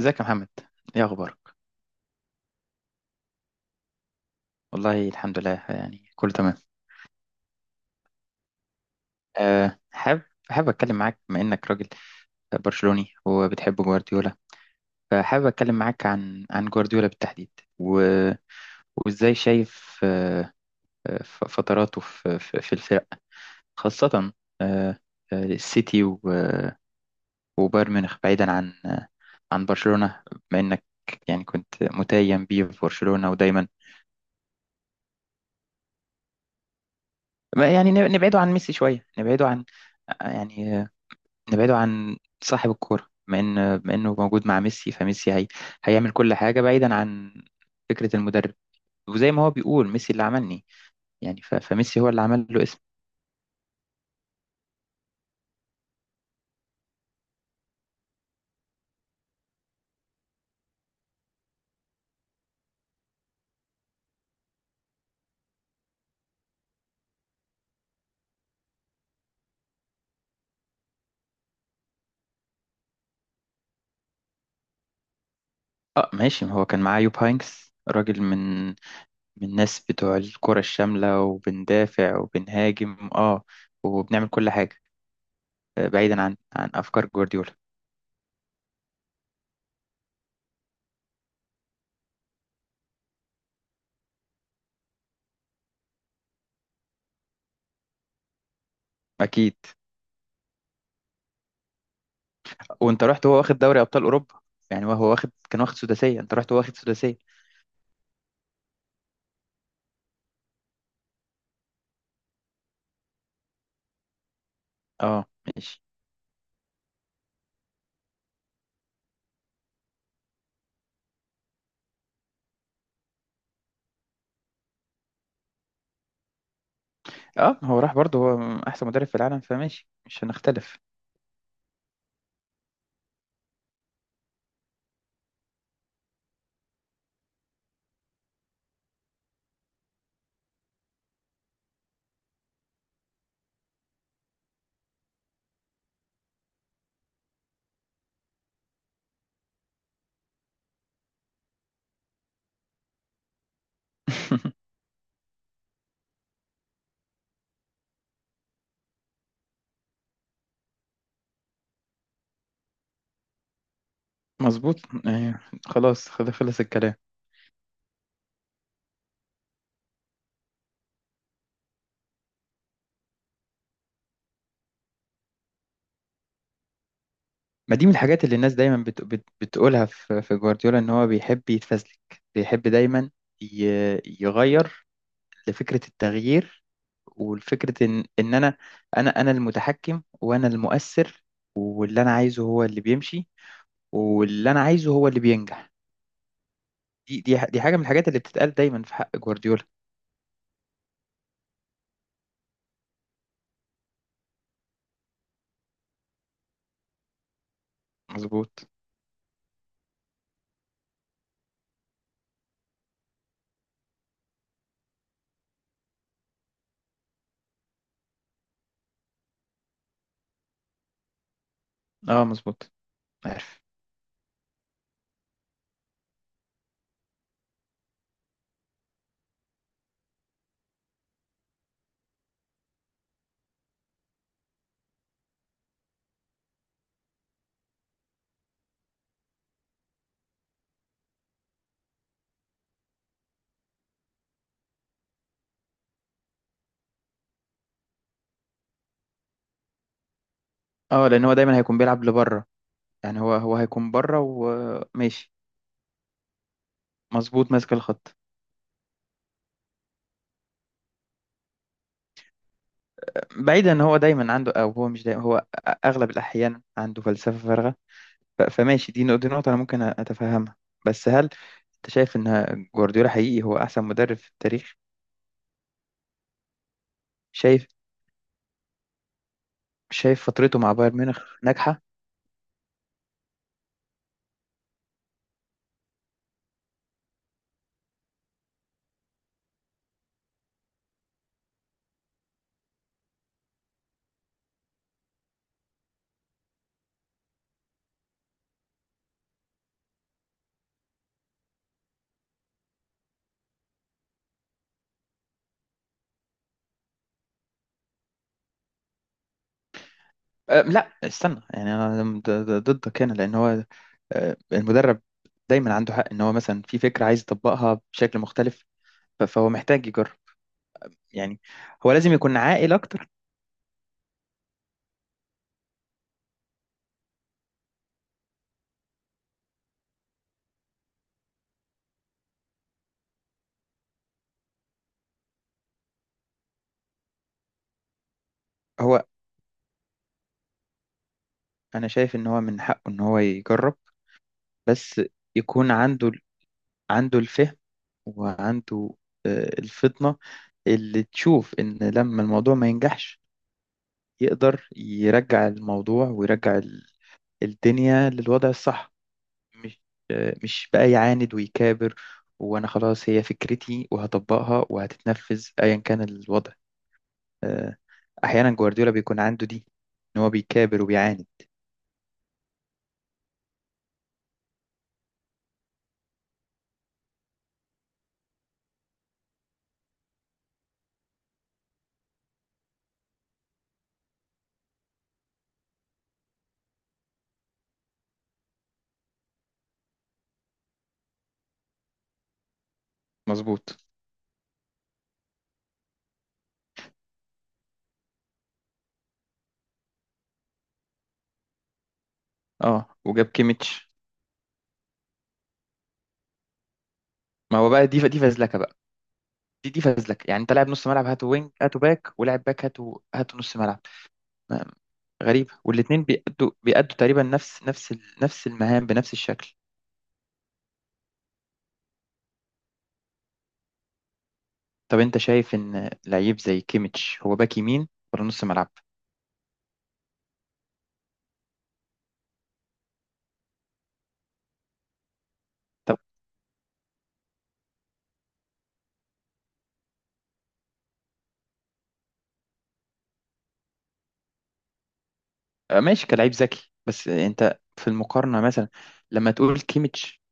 ازيك يا محمد؟ ايه اخبارك؟ والله الحمد لله، يعني كله تمام. أه حابب حابب اتكلم معاك بما انك راجل برشلوني وبتحب جوارديولا، فحابب اتكلم معاك عن جوارديولا بالتحديد. و... وازاي شايف فتراته في الفرق، خاصة أه آه، السيتي وبايرن ميونخ، بعيدا عن برشلونة، بما انك يعني كنت متيم بيه في برشلونة ودايما يعني نبعده عن ميسي شوية يعني نبعده عن صاحب الكورة، بما إنه موجود مع ميسي، فميسي هيعمل كل حاجة بعيدا عن فكرة المدرب. وزي ما هو بيقول، ميسي اللي عملني، يعني فميسي هو اللي عمل له اسم. اه، ماشي، ما هو كان معاه يوب هاينكس، راجل من الناس بتوع الكرة الشاملة، وبندافع وبنهاجم وبنعمل كل حاجة، بعيدا عن أفكار جوارديولا. أكيد. وأنت رحت هو واخد دوري أبطال أوروبا، يعني هو واخد كان واخد سداسية، أنت رحت هو واخد سداسية. اه، ماشي. اه، هو راح برضه، هو احسن مدرب في العالم، فماشي مش هنختلف. مظبوط. يعني خلاص، خلص الكلام. ما دي من الحاجات اللي الناس دايما بتقولها في جوارديولا، ان هو بيحب يتفزلك. بيحب دايما ي... يغير لفكرة التغيير، والفكرة ان انا المتحكم وانا المؤثر، واللي انا عايزه هو اللي بيمشي، واللي انا عايزه هو اللي بينجح. دي حاجة من الحاجات اللي بتتقال دايما في حق جوارديولا. مظبوط. اه، مظبوط، عارف. اه، لان هو دايما هيكون بيلعب لبره، يعني هو هيكون بره وماشي. مظبوط، ماسك الخط. بعيدا ان هو دايما عنده، او هو مش دايما، هو اغلب الاحيان عنده فلسفه فارغه. فماشي، دي نقطه انا ممكن اتفهمها. بس هل انت شايف ان جوارديولا حقيقي هو احسن مدرب في التاريخ؟ شايف؟ شايف فترته مع بايرن ميونخ ناجحه؟ أه، لا استنى، يعني انا ضدك هنا لان هو، المدرب دايما عنده حق ان هو مثلا في فكره عايز يطبقها بشكل مختلف، فهو محتاج يجرب. يعني هو لازم يكون عاقل اكتر. هو انا شايف ان هو من حقه ان هو يجرب، بس يكون عنده الفهم، وعنده الفطنة اللي تشوف ان لما الموضوع ما ينجحش، يقدر يرجع الموضوع ويرجع الدنيا للوضع الصح، مش مش بقى يعاند ويكابر، وانا خلاص هي فكرتي وهطبقها وهتتنفذ ايا كان الوضع. آه، احيانا جوارديولا بيكون عنده دي، ان هو بيكابر وبيعاند. مظبوط. اه، وجاب كيميتش. ما هو بقى، دي فزلكه بقى، دي فزلكه، يعني انت لاعب نص ملعب هاتوا وينج، هاتوا باك، ولاعب باك هاتوا هاتوا نص ملعب. ما- غريبه، والاثنين بيأدوا تقريبا نفس المهام بنفس الشكل. طب انت شايف ان لعيب زي كيميتش هو باك يمين ولا نص ملعب؟ طب ماشي كلاعب ذكي، بس انت في المقارنه مثلا لما تقول كيميتش.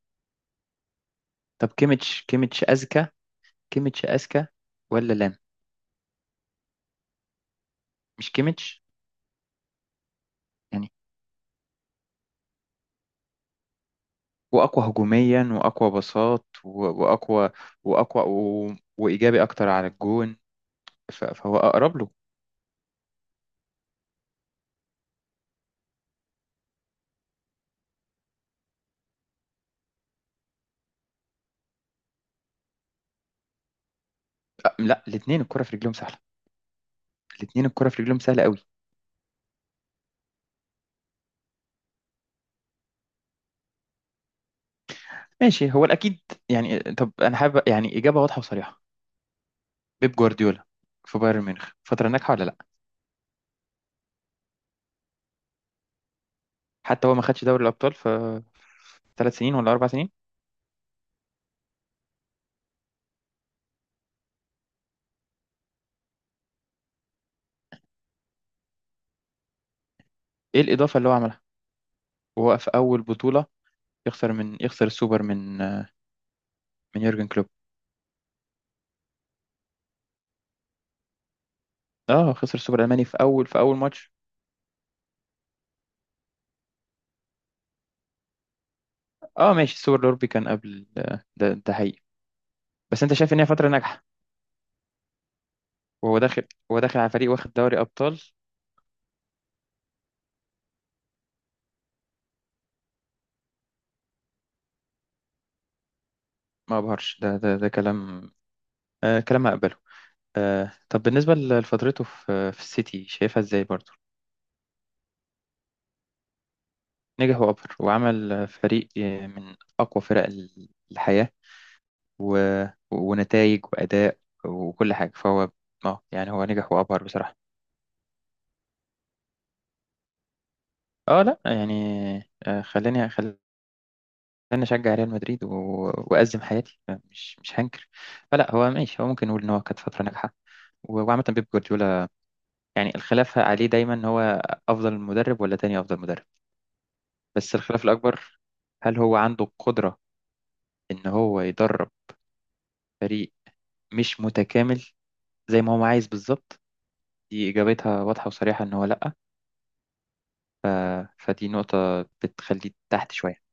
طب كيميتش اذكى، كيميتش اذكى ولا لام؟ مش كيميتش؟ يعني. واقوى هجوميا واقوى بساط واقوى، واقوى وايجابي اكتر على الجون، فهو اقرب له. لا، الاثنين الكره في رجلهم سهله، الاثنين الكره في رجلهم سهله قوي. ماشي، هو الاكيد. يعني طب انا حابب يعني اجابه واضحه وصريحه، بيب جوارديولا في بايرن ميونخ فتره ناجحه ولا لا؟ حتى هو ما خدش دوري الابطال في 3 سنين ولا 4 سنين. ايه الاضافه اللي هو عملها، وهو في اول بطوله يخسر السوبر من يورجن كلوب. اه، خسر السوبر الالماني في اول ماتش. اه، ماشي، السوبر الأوروبي كان قبل، ده حقيقي. بس انت شايف ان هي فترة ناجحة، وهو داخل هو داخل على فريق واخد دوري أبطال. ما ابهرش، ده كلام، آه، كلام هقبله. آه، طب بالنسبة لفترته في السيتي شايفها ازاي برضه؟ نجح وأبهر، وعمل فريق من أقوى فرق الحياة و... ونتائج وأداء وكل حاجة، فهو اه يعني هو نجح وأبهر بصراحة. اه، لا يعني، خليني خليني انا اشجع ريال مدريد وازم حياتي، مش هنكر، فلا هو ماشي، هو ممكن نقول ان هو كانت فتره ناجحه. وعامه بيب جوارديولا، يعني الخلاف عليه دايما ان هو افضل مدرب ولا تاني افضل مدرب، بس الخلاف الاكبر هل هو عنده القدره ان هو يدرب فريق مش متكامل زي ما هو عايز بالظبط. دي اجابتها واضحه وصريحه ان هو لا، ف... فدي نقطه بتخليه تحت شويه.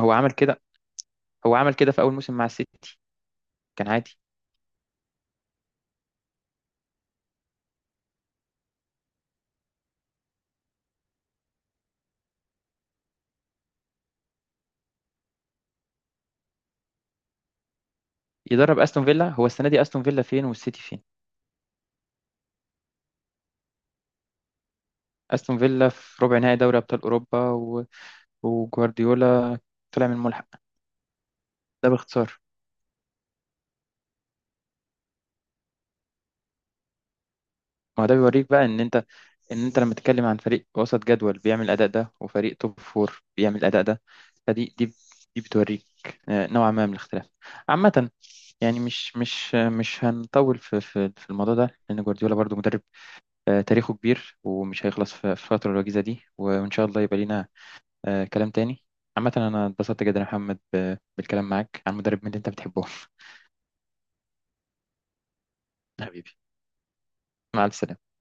هو عمل كده، هو عمل كده في اول موسم مع السيتي، كان عادي. يدرب استون فيلا، هو السنه دي استون فيلا فين والسيتي فين؟ استون فيلا في ربع نهائي دوري ابطال اوروبا، وجوارديولا طلع من الملحق. ده باختصار. ما هو ده بيوريك بقى ان انت لما تتكلم عن فريق وسط جدول بيعمل الاداء ده، وفريق توب فور بيعمل الاداء ده، فدي دي دي بتوريك نوعا ما من الاختلاف. عامة يعني مش هنطول في الموضوع ده، لأن جوارديولا برضو مدرب تاريخه كبير، ومش هيخلص في الفترة الوجيزة دي، وإن شاء الله يبقى لينا كلام تاني. عامة، أنا اتبسطت جدا يا محمد بالكلام معاك عن مدرب من اللي أنت بتحبه. حبيبي مع السلامة